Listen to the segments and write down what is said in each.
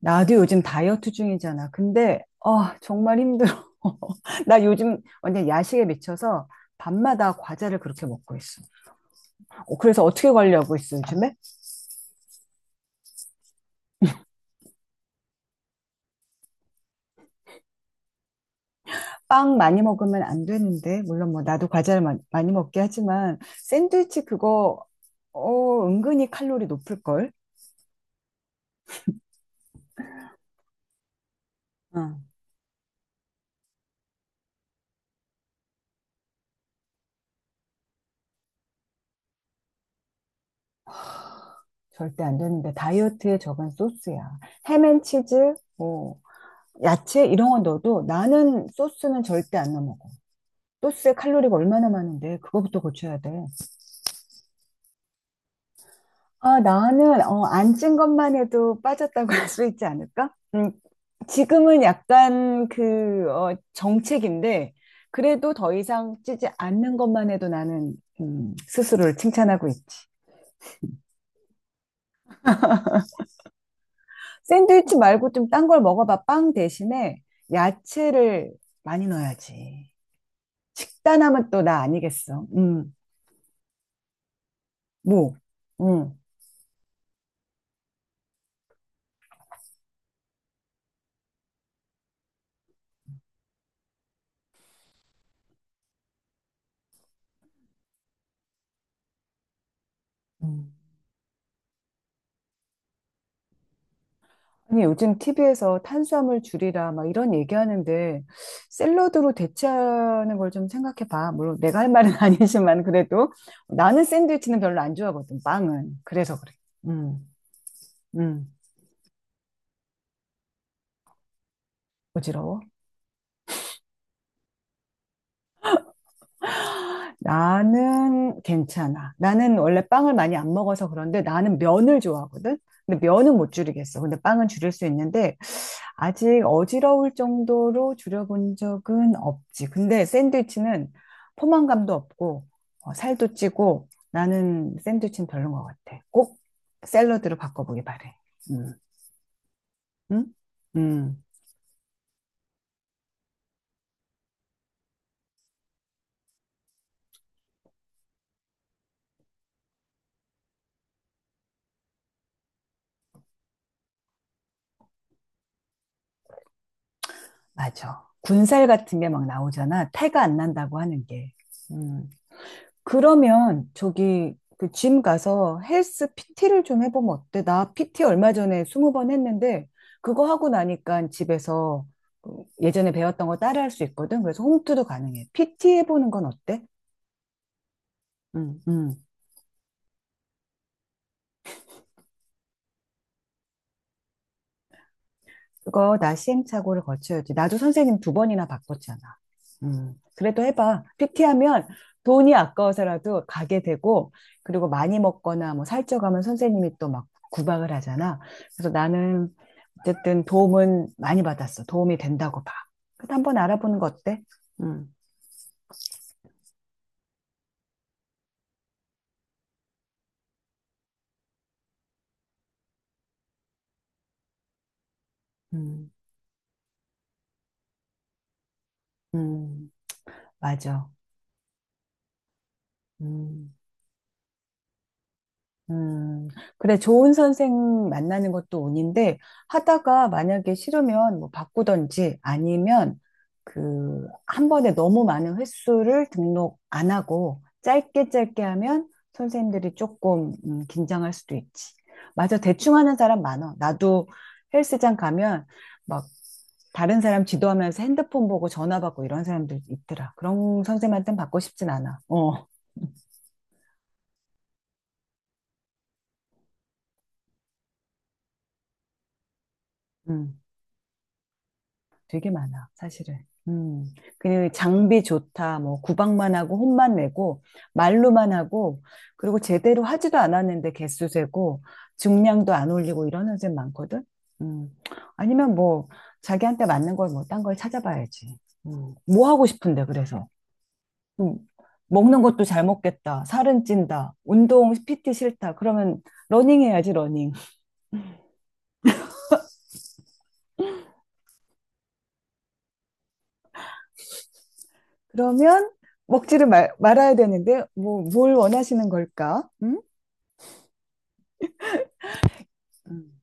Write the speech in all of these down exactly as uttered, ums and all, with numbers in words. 나도 요즘 다이어트 중이잖아. 근데, 아, 정말 힘들어. 나 요즘 완전 야식에 미쳐서 밤마다 과자를 그렇게 먹고 있어. 어, 그래서 어떻게 관리하고 있어, 요즘에? 빵 많이 먹으면 안 되는데, 물론 뭐 나도 과자를 마- 많이 먹게 하지만, 샌드위치 그거, 어, 은근히 칼로리 높을걸? 응, 절대 안 되는데, 다이어트에 적은 소스야. 햄앤치즈, 뭐, 야채 이런 거 넣어도 나는 소스는 절대 안 넣어. 소스에 칼로리가 얼마나 많은데 그거부터 고쳐야 돼. 아, 나는 어, 안 찐 것만 해도 빠졌다고 할 수 있지 않을까? 음, 지금은 약간 그 어, 정책인데 그래도 더 이상 찌지 않는 것만 해도 나는 음, 스스로를 칭찬하고 있지. 샌드위치 말고 좀 딴 걸 먹어봐. 빵 대신에 야채를 많이 넣어야지. 식단하면 또 나 아니겠어. 음, 뭐, 음. 음. 아니, 요즘 티비에서 탄수화물 줄이라 막 이런 얘기하는데 샐러드로 대체하는 걸 좀 생각해 봐. 물론 내가 할 말은 아니지만 그래도 나는 샌드위치는 별로 안 좋아하거든. 빵은. 그래서 그래. 음. 음. 어지러워? 나는 괜찮아. 나는 원래 빵을 많이 안 먹어서 그런데 나는 면을 좋아하거든. 근데 면은 못 줄이겠어. 근데 빵은 줄일 수 있는데 아직 어지러울 정도로 줄여본 적은 없지. 근데 샌드위치는 포만감도 없고 어, 살도 찌고 나는 샌드위치는 별론 것 같아. 꼭 샐러드로 바꿔보기 바래. 음, 응? 음, 맞아. 군살 같은 게 막 나오잖아. 태가 안 난다고 하는 게. 음. 그러면 저기 그 짐 가서 헬스 피티를 좀 해보면 어때? 나 피티 얼마 전에 스무 번 했는데 그거 하고 나니까 집에서 그 예전에 배웠던 거 따라 할 수 있거든. 그래서 홈트도 가능해. 피티 해보는 건 어때? 응, 응. 그거 나 시행착오를 거쳐야지. 나도 선생님 두 번이나 바꿨잖아. 음, 그래도 해봐. 피티하면 돈이 아까워서라도 가게 되고, 그리고 많이 먹거나 뭐 살쪄가면 선생님이 또 막 구박을 하잖아. 그래서 나는 어쨌든 도움은 많이 받았어. 도움이 된다고 봐. 그래도 한번 알아보는 거 어때? 음, 음, 음, 맞아. 음. 음, 그래, 좋은 선생 만나는 것도 운인데, 하다가 만약에 싫으면 뭐 바꾸던지 아니면 그, 한 번에 너무 많은 횟수를 등록 안 하고, 짧게 짧게 하면 선생님들이 조금 음, 긴장할 수도 있지. 맞아, 대충 하는 사람 많아. 나도 헬스장 가면 막 다른 사람 지도하면서 핸드폰 보고 전화 받고 이런 사람들 있더라. 그런 선생님한테는 받고 싶진 않아. 어, 음. 되게 많아, 사실은. 음. 그냥 장비 좋다, 뭐, 구박만 하고, 혼만 내고, 말로만 하고, 그리고 제대로 하지도 않았는데 개수 세고, 중량도 안 올리고 이런 선생 많거든? 음. 아니면 뭐, 자기한테 맞는 걸 뭐, 딴 걸 찾아봐야지. 음. 뭐 하고 싶은데, 그래서. 음. 먹는 것도 잘 먹겠다, 살은 찐다, 운동, 피티 싫다. 그러면 러닝 해야지, 러닝. 그러면 먹지를 말, 말아야 되는데, 뭐, 뭘 원하시는 걸까? 음? 음,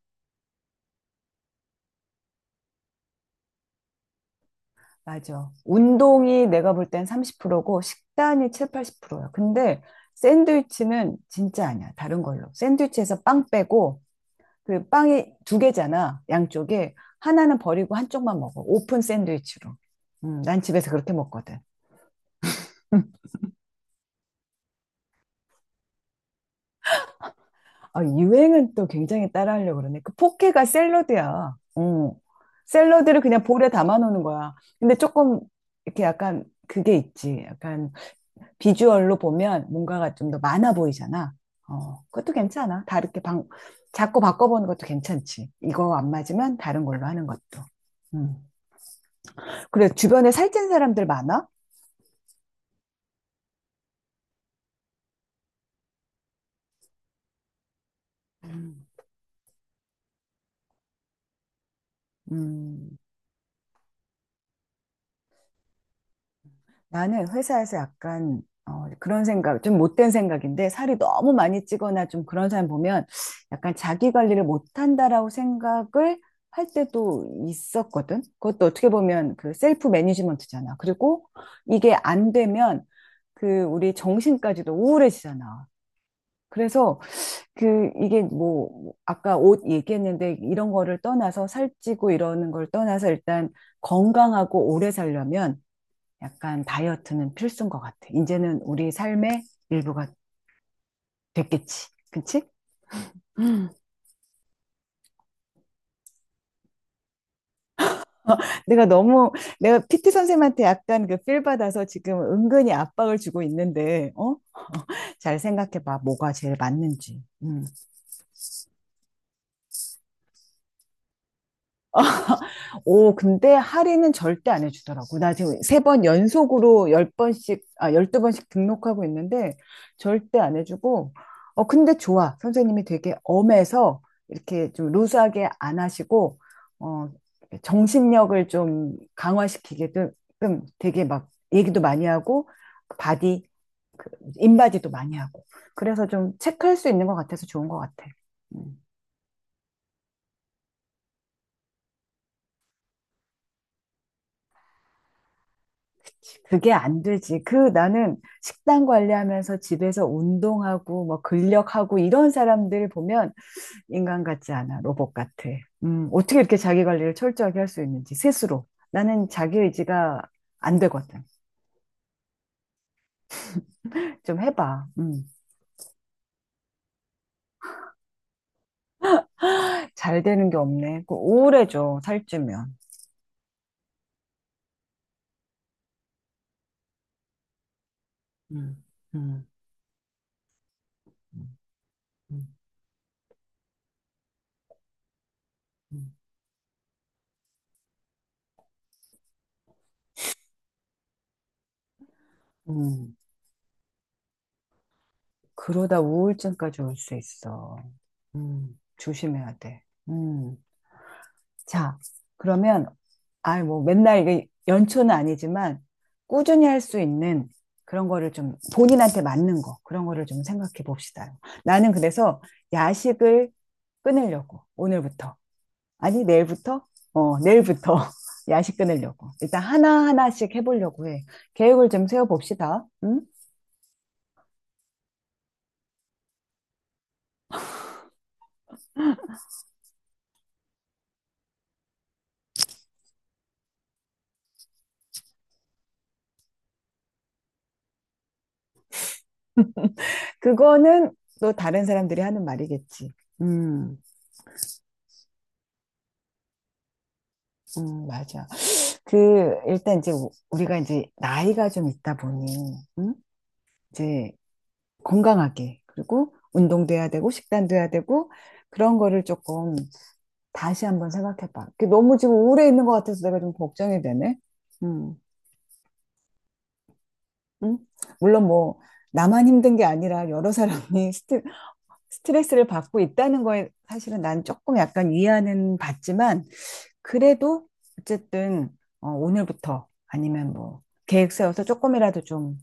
맞아. 운동이 내가 볼 땐 삼십 퍼센트고 식단이 칠, 팔십 퍼센트야. 근데 샌드위치는 진짜 아니야. 다른 걸로. 샌드위치에서 빵 빼고 그 빵이 두 개잖아. 양쪽에 하나는 버리고 한쪽만 먹어. 오픈 샌드위치로. 음, 난 집에서 그렇게 먹거든. 음. 아, 유행은 또 굉장히 따라하려고 그러네. 그 포케가 샐러드야. 어. 샐러드를 그냥 볼에 담아 놓는 거야. 근데 조금 이렇게 약간 그게 있지. 약간 비주얼로 보면 뭔가가 좀 더 많아 보이잖아. 어, 그것도 괜찮아. 다르게 방, 자꾸 바꿔보는 것도 괜찮지. 이거 안 맞으면 다른 걸로 하는 것도. 음. 그래, 주변에 살찐 사람들 많아? 음, 나는 회사에서 약간 어, 그런 생각, 좀 못된 생각인데, 살이 너무 많이 찌거나 좀 그런 사람 보면 약간 자기 관리를 못한다라고 생각을 할 때도 있었거든. 그것도 어떻게 보면 그 셀프 매니지먼트잖아. 그리고 이게 안 되면 그 우리 정신까지도 우울해지잖아. 그래서 그 이게 뭐 아까 옷 얘기했는데 이런 거를 떠나서 살찌고 이러는 걸 떠나서 일단 건강하고 오래 살려면 약간 다이어트는 필수인 것 같아. 이제는 우리 삶의 일부가 됐겠지. 그치? 음. 내가 너무 내가 피티 선생님한테 약간 그 필 받아서 지금 은근히 압박을 주고 있는데 어? 잘 생각해 봐. 뭐가 제일 맞는지. 음. 오, 근데 할인은 절대 안 해주더라고. 나 지금 세 번 연속으로 열 번씩, 아, 열두 번씩 등록하고 있는데 절대 안 해주고, 어, 근데 좋아. 선생님이 되게 엄해서 이렇게 좀 루스하게 안 하시고, 어, 정신력을 좀 강화시키게끔 되게 막 얘기도 많이 하고, 그 바디, 그 인바디도 많이 하고. 그래서 좀 체크할 수 있는 것 같아서 좋은 것 같아. 음. 그게 안 되지. 그 나는 식단 관리하면서 집에서 운동하고 뭐 근력하고 이런 사람들 보면 인간 같지 않아. 로봇 같아. 음, 어떻게 이렇게 자기 관리를 철저하게 할 수 있는지 스스로. 나는 자기 의지가 안 되거든. 좀 해봐. 음, 잘 되는 게 없네. 그 우울해져. 살찌면. 음, 음, 음, 음, 음. 음. 그러다 우울증까지 올 수 있어. 음, 조심해야 돼. 음. 자, 그러면, 아, 뭐, 맨날 이게 연초는 아니지만, 꾸준히 할 수 있는 그런 거를 좀 본인한테 맞는 거, 그런 거를 좀 생각해 봅시다. 나는 그래서 야식을 끊으려고, 오늘부터. 아니, 내일부터? 어, 내일부터 야식 끊으려고. 일단 하나하나씩 해보려고 해. 계획을 좀 세워봅시다. 응? 그거는 또 다른 사람들이 하는 말이겠지. 음, 음, 맞아. 그, 일단 이제 우- 우리가 이제 나이가 좀 있다 보니, 응? 이제 건강하게, 그리고 운동도 해야 되고, 식단도 해야 되고, 그런 거를 조금 다시 한번 생각해봐. 그 너무 지금 우울해 있는 것 같아서 내가 좀 걱정이 되네. 음, 음? 물론 뭐, 나만 힘든 게 아니라 여러 사람이 스트, 스트레스를 받고 있다는 거에 사실은 난 조금 약간 위안은 받지만, 그래도 어쨌든, 어, 오늘부터 아니면 뭐, 계획 세워서 조금이라도 좀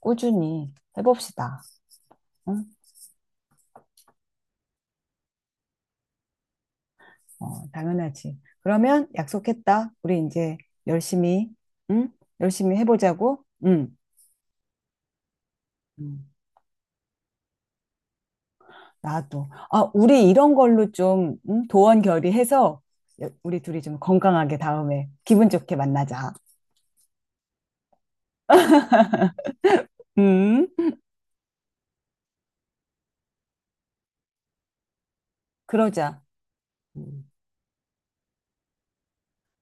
꾸준히 해봅시다. 응? 어, 당연하지. 그러면 약속했다. 우리 이제 열심히, 응? 열심히 해보자고. 응. 응. 나도. 아, 우리 이런 걸로 좀 응? 도원 결의해서 여- 우리 둘이 좀 건강하게 다음에 기분 좋게 만나자. 응? 그러자. 음.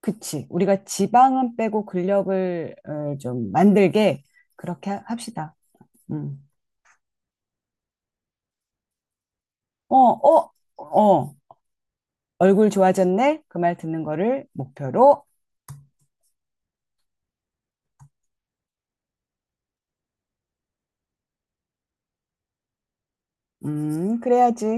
그치. 우리가 지방은 빼고 근력을 어, 좀 만들게 그렇게 하- 합시다. 응. 어, 어, 어. 얼굴 좋아졌네? 그 말 듣는 거를 목표로, 음, 그래야지.